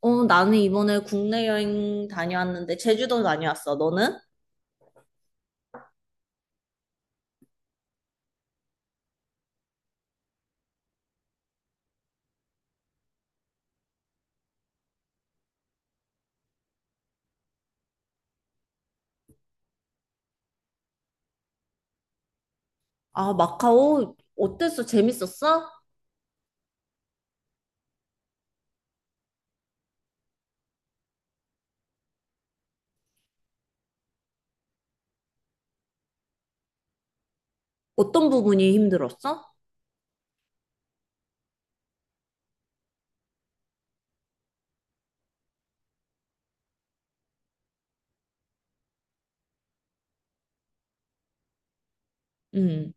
어, 나는 이번에 국내 여행 다녀왔는데 제주도 다녀왔어. 너는? 아, 마카오 어땠어? 재밌었어? 어떤 부분이 힘들었어? 음.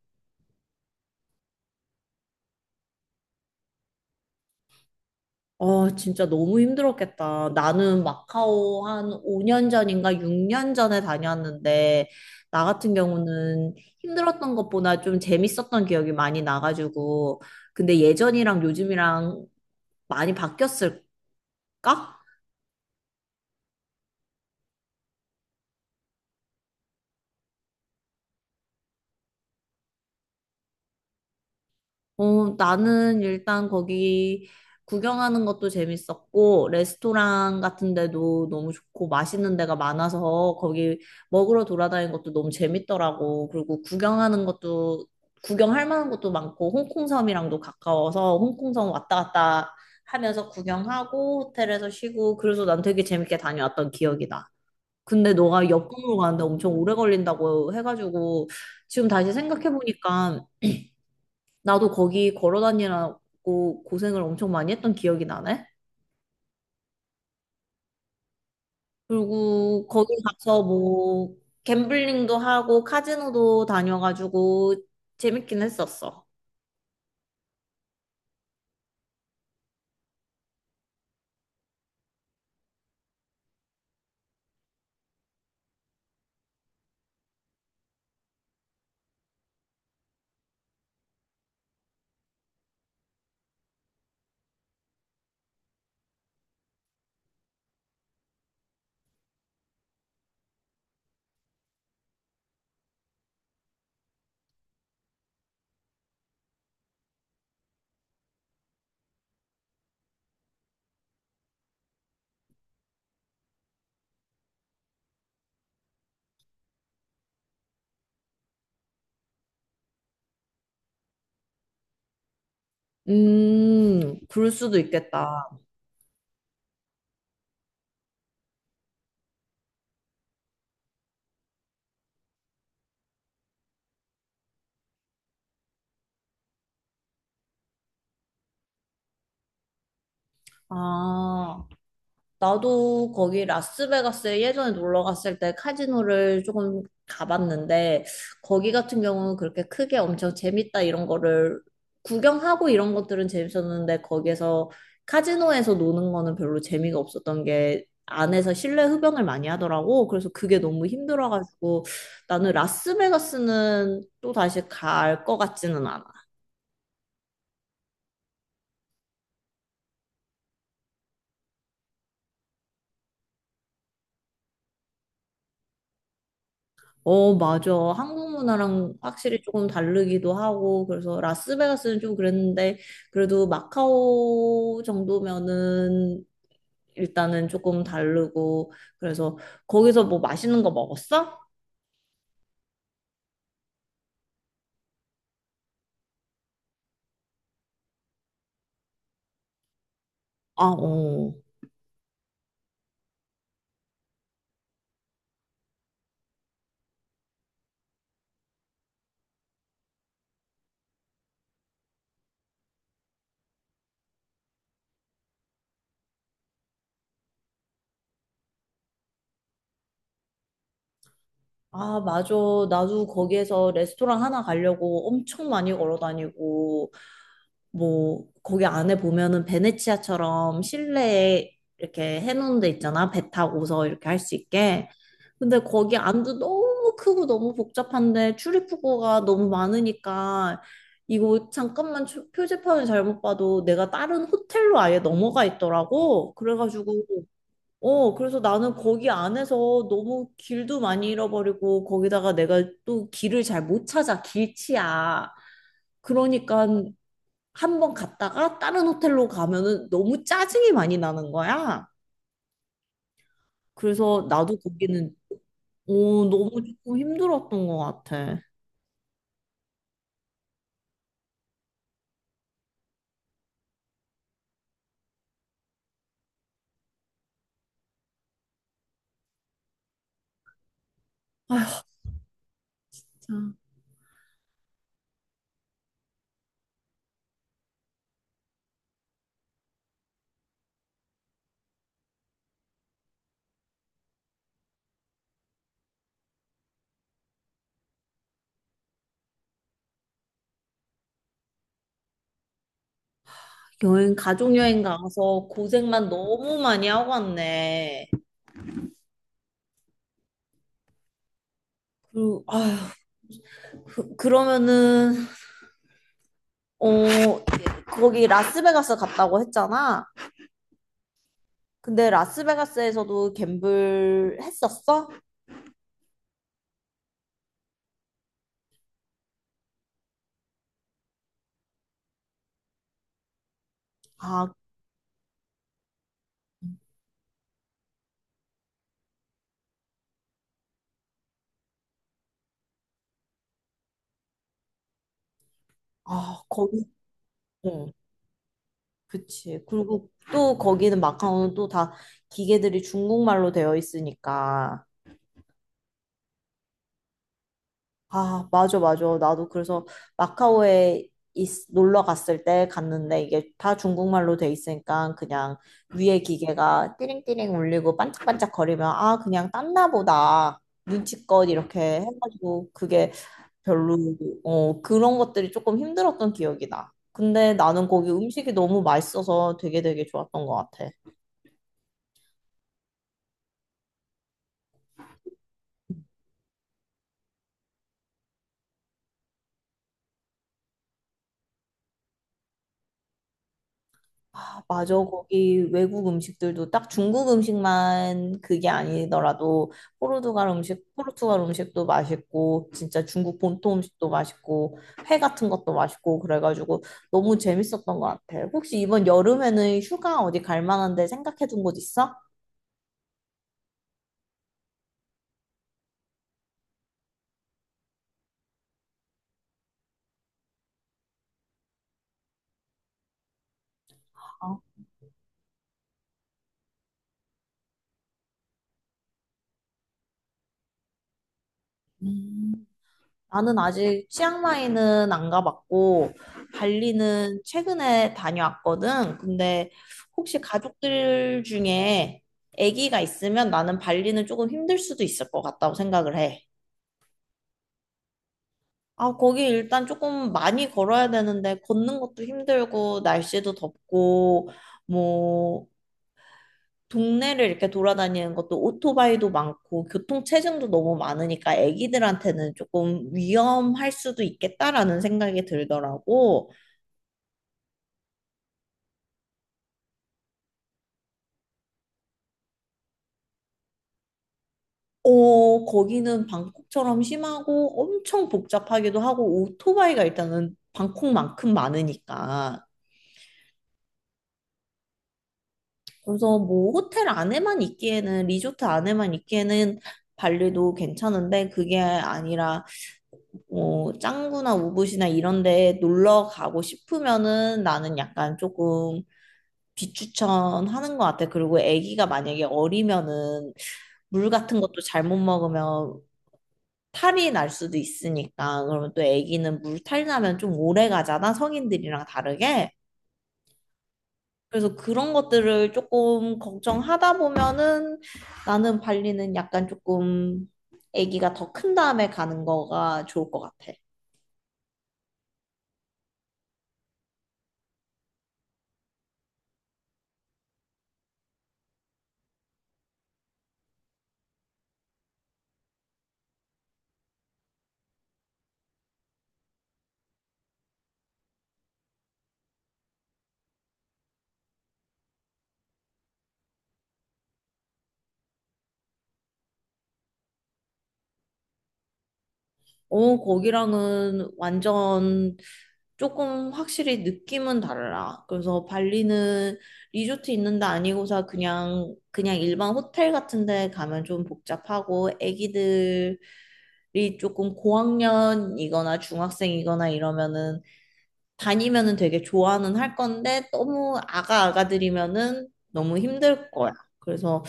아, 진짜 너무 힘들었겠다. 나는 마카오 한 5년 전인가 6년 전에 다녀왔는데 나 같은 경우는 힘들었던 것보다 좀 재밌었던 기억이 많이 나가지고 근데 예전이랑 요즘이랑 많이 바뀌었을까? 어, 나는 일단 거기 구경하는 것도 재밌었고, 레스토랑 같은 데도 너무 좋고, 맛있는 데가 많아서 거기 먹으러 돌아다니는 것도 너무 재밌더라고. 그리고 구경하는 것도, 구경할 만한 것도 많고, 홍콩섬이랑도 가까워서 홍콩섬 왔다 갔다 하면서 구경하고, 호텔에서 쉬고, 그래서 난 되게 재밌게 다녀왔던 기억이 나. 근데 너가 역경으로 가는데 엄청 오래 걸린다고 해가지고, 지금 다시 생각해보니까 나도 거기 걸어 다니라고 고생을 엄청 많이 했던 기억이 나네. 그리고 거기 가서 뭐 갬블링도 하고 카지노도 다녀가지고 재밌긴 했었어. 그럴 수도 있겠다. 아, 나도 거기 라스베가스에 예전에 놀러 갔을 때 카지노를 조금 가봤는데, 거기 같은 경우는 그렇게 크게 엄청 재밌다 이런 거를 구경하고 이런 것들은 재밌었는데, 거기에서 카지노에서 노는 거는 별로 재미가 없었던 게 안에서 실내 흡연을 많이 하더라고. 그래서 그게 너무 힘들어가지고 나는 라스베가스는 또 다시 갈 것 같지는 않아. 어, 맞아. 한국 문화랑 확실히 조금 다르기도 하고, 그래서 라스베가스는 좀 그랬는데, 그래도 마카오 정도면은 일단은 조금 다르고, 그래서 거기서 뭐 맛있는 거 먹었어? 아, 어. 아, 맞아. 나도 거기에서 레스토랑 하나 가려고 엄청 많이 걸어 다니고, 뭐 거기 안에 보면은 베네치아처럼 실내에 이렇게 해놓은 데 있잖아. 배 타고서 이렇게 할 수 있게. 근데 거기 안도 너무 크고 너무 복잡한데 출입구가 너무 많으니까 이거 잠깐만 표지판을 잘못 봐도 내가 다른 호텔로 아예 넘어가 있더라고. 그래가지고 어 그래서 나는 거기 안에서 너무 길도 많이 잃어버리고 거기다가 내가 또 길을 잘 못 찾아 길치야. 그러니까 한 번 갔다가 다른 호텔로 가면은 너무 짜증이 많이 나는 거야. 그래서 나도 거기는 오, 너무 조금 힘들었던 것 같아. 자, 여행, 가족 여행 가서 고생만 너무 많이 하고 왔네. 그리고 아휴, 그러면은 어 거기 라스베가스 갔다고 했잖아. 근데 라스베가스에서도 갬블 했었어? 아, 아, 거기 어. 그치. 그리고 또 거기는 마카오는 또 다 기계들이 중국말로 되어 있으니까. 아, 맞아, 맞아. 나도 그래서 마카오에 놀러 갔을 때 갔는데 이게 다 중국말로 돼 있으니까 그냥 위에 기계가 띠링띠링 울리고 반짝반짝 거리면 아, 그냥 땄나 보다. 눈치껏 이렇게 해가지고 그게 별로, 어, 그런 것들이 조금 힘들었던 기억이 나 근데 나는 거기 음식이 너무 맛있어서 되게 되게 좋았던 것 같아. 맞아. 거기 외국 음식들도 딱 중국 음식만 그게 아니더라도 포르투갈 음식, 포르투갈 음식도 맛있고 진짜 중국 본토 음식도 맛있고 회 같은 것도 맛있고 그래가지고 너무 재밌었던 것 같아. 혹시 이번 여름에는 휴가 어디 갈 만한데 생각해 둔 곳 있어? 어. 음. 나는 아직 치앙마이는 안 가봤고 발리는 최근에 다녀왔거든. 근데 혹시 가족들 중에 아기가 있으면 나는 발리는 조금 힘들 수도 있을 것 같다고 생각을 해. 아, 거기 일단 조금 많이 걸어야 되는데 걷는 것도 힘들고 날씨도 덥고 뭐 동네를 이렇게 돌아다니는 것도 오토바이도 많고 교통 체증도 너무 많으니까 애기들한테는 조금 위험할 수도 있겠다라는 생각이 들더라고. 어, 거기는 방콕처럼 심하고 엄청 복잡하기도 하고 오토바이가 일단은 방콕만큼 많으니까. 그래서 뭐 호텔 안에만 있기에는 리조트 안에만 있기에는 발리도 괜찮은데 그게 아니라 뭐 짱구나 우붓이나 이런 데 놀러 가고 싶으면은 나는 약간 조금 비추천하는 것 같아. 그리고 아기가 만약에 어리면은 물 같은 것도 잘못 먹으면 탈이 날 수도 있으니까 그러면 또 아기는 물탈 나면 좀 오래 가잖아. 성인들이랑 다르게. 그래서 그런 것들을 조금 걱정하다 보면은 나는 발리는 약간 조금 아기가 더 큰 다음에 가는 거가 좋을 것 같아. 어, 거기랑은 완전 조금 확실히 느낌은 달라. 그래서 발리는 리조트 있는 데 아니고서 그냥 일반 호텔 같은 데 가면 좀 복잡하고 애기들이 조금 고학년이거나 중학생이거나 이러면은 다니면은 되게 좋아는 할 건데 너무 아가아가들이면은 너무 힘들 거야. 그래서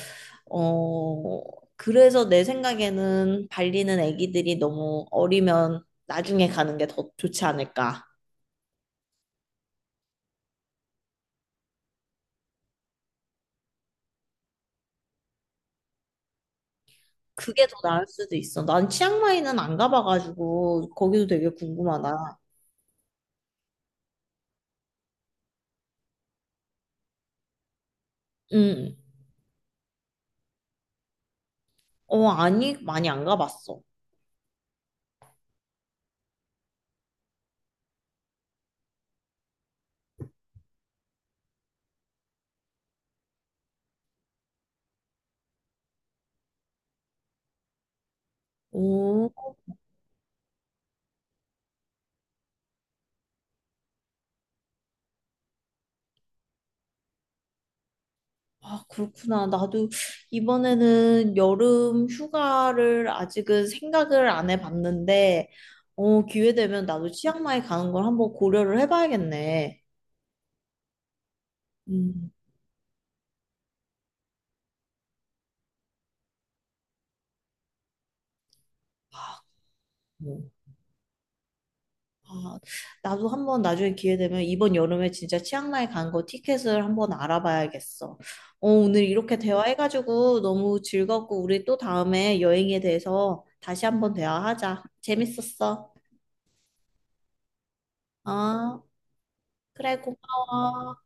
어, 그래서 내 생각에는 발리는 아기들이 너무 어리면 나중에 가는 게 더 좋지 않을까. 그게 더 나을 수도 있어. 난 치앙마이는 안 가봐가지고 거기도 되게 궁금하다. 응. 어, 아니, 많이 안 가봤어. 오, 아, 그렇구나. 나도 이번에는 여름 휴가를 아직은 생각을 안 해봤는데, 어, 기회 되면 나도 치앙마이 가는 걸 한번 고려를 해봐야겠네. 음. 아, 뭐. 아, 나도 한번 나중에 기회 되면 이번 여름에 진짜 치앙마이 간 거 티켓을 한번 알아봐야겠어. 어, 오늘 이렇게 대화해가지고 너무 즐겁고 우리 또 다음에 여행에 대해서 다시 한번 대화하자. 재밌었어. 어, 그래, 고마워.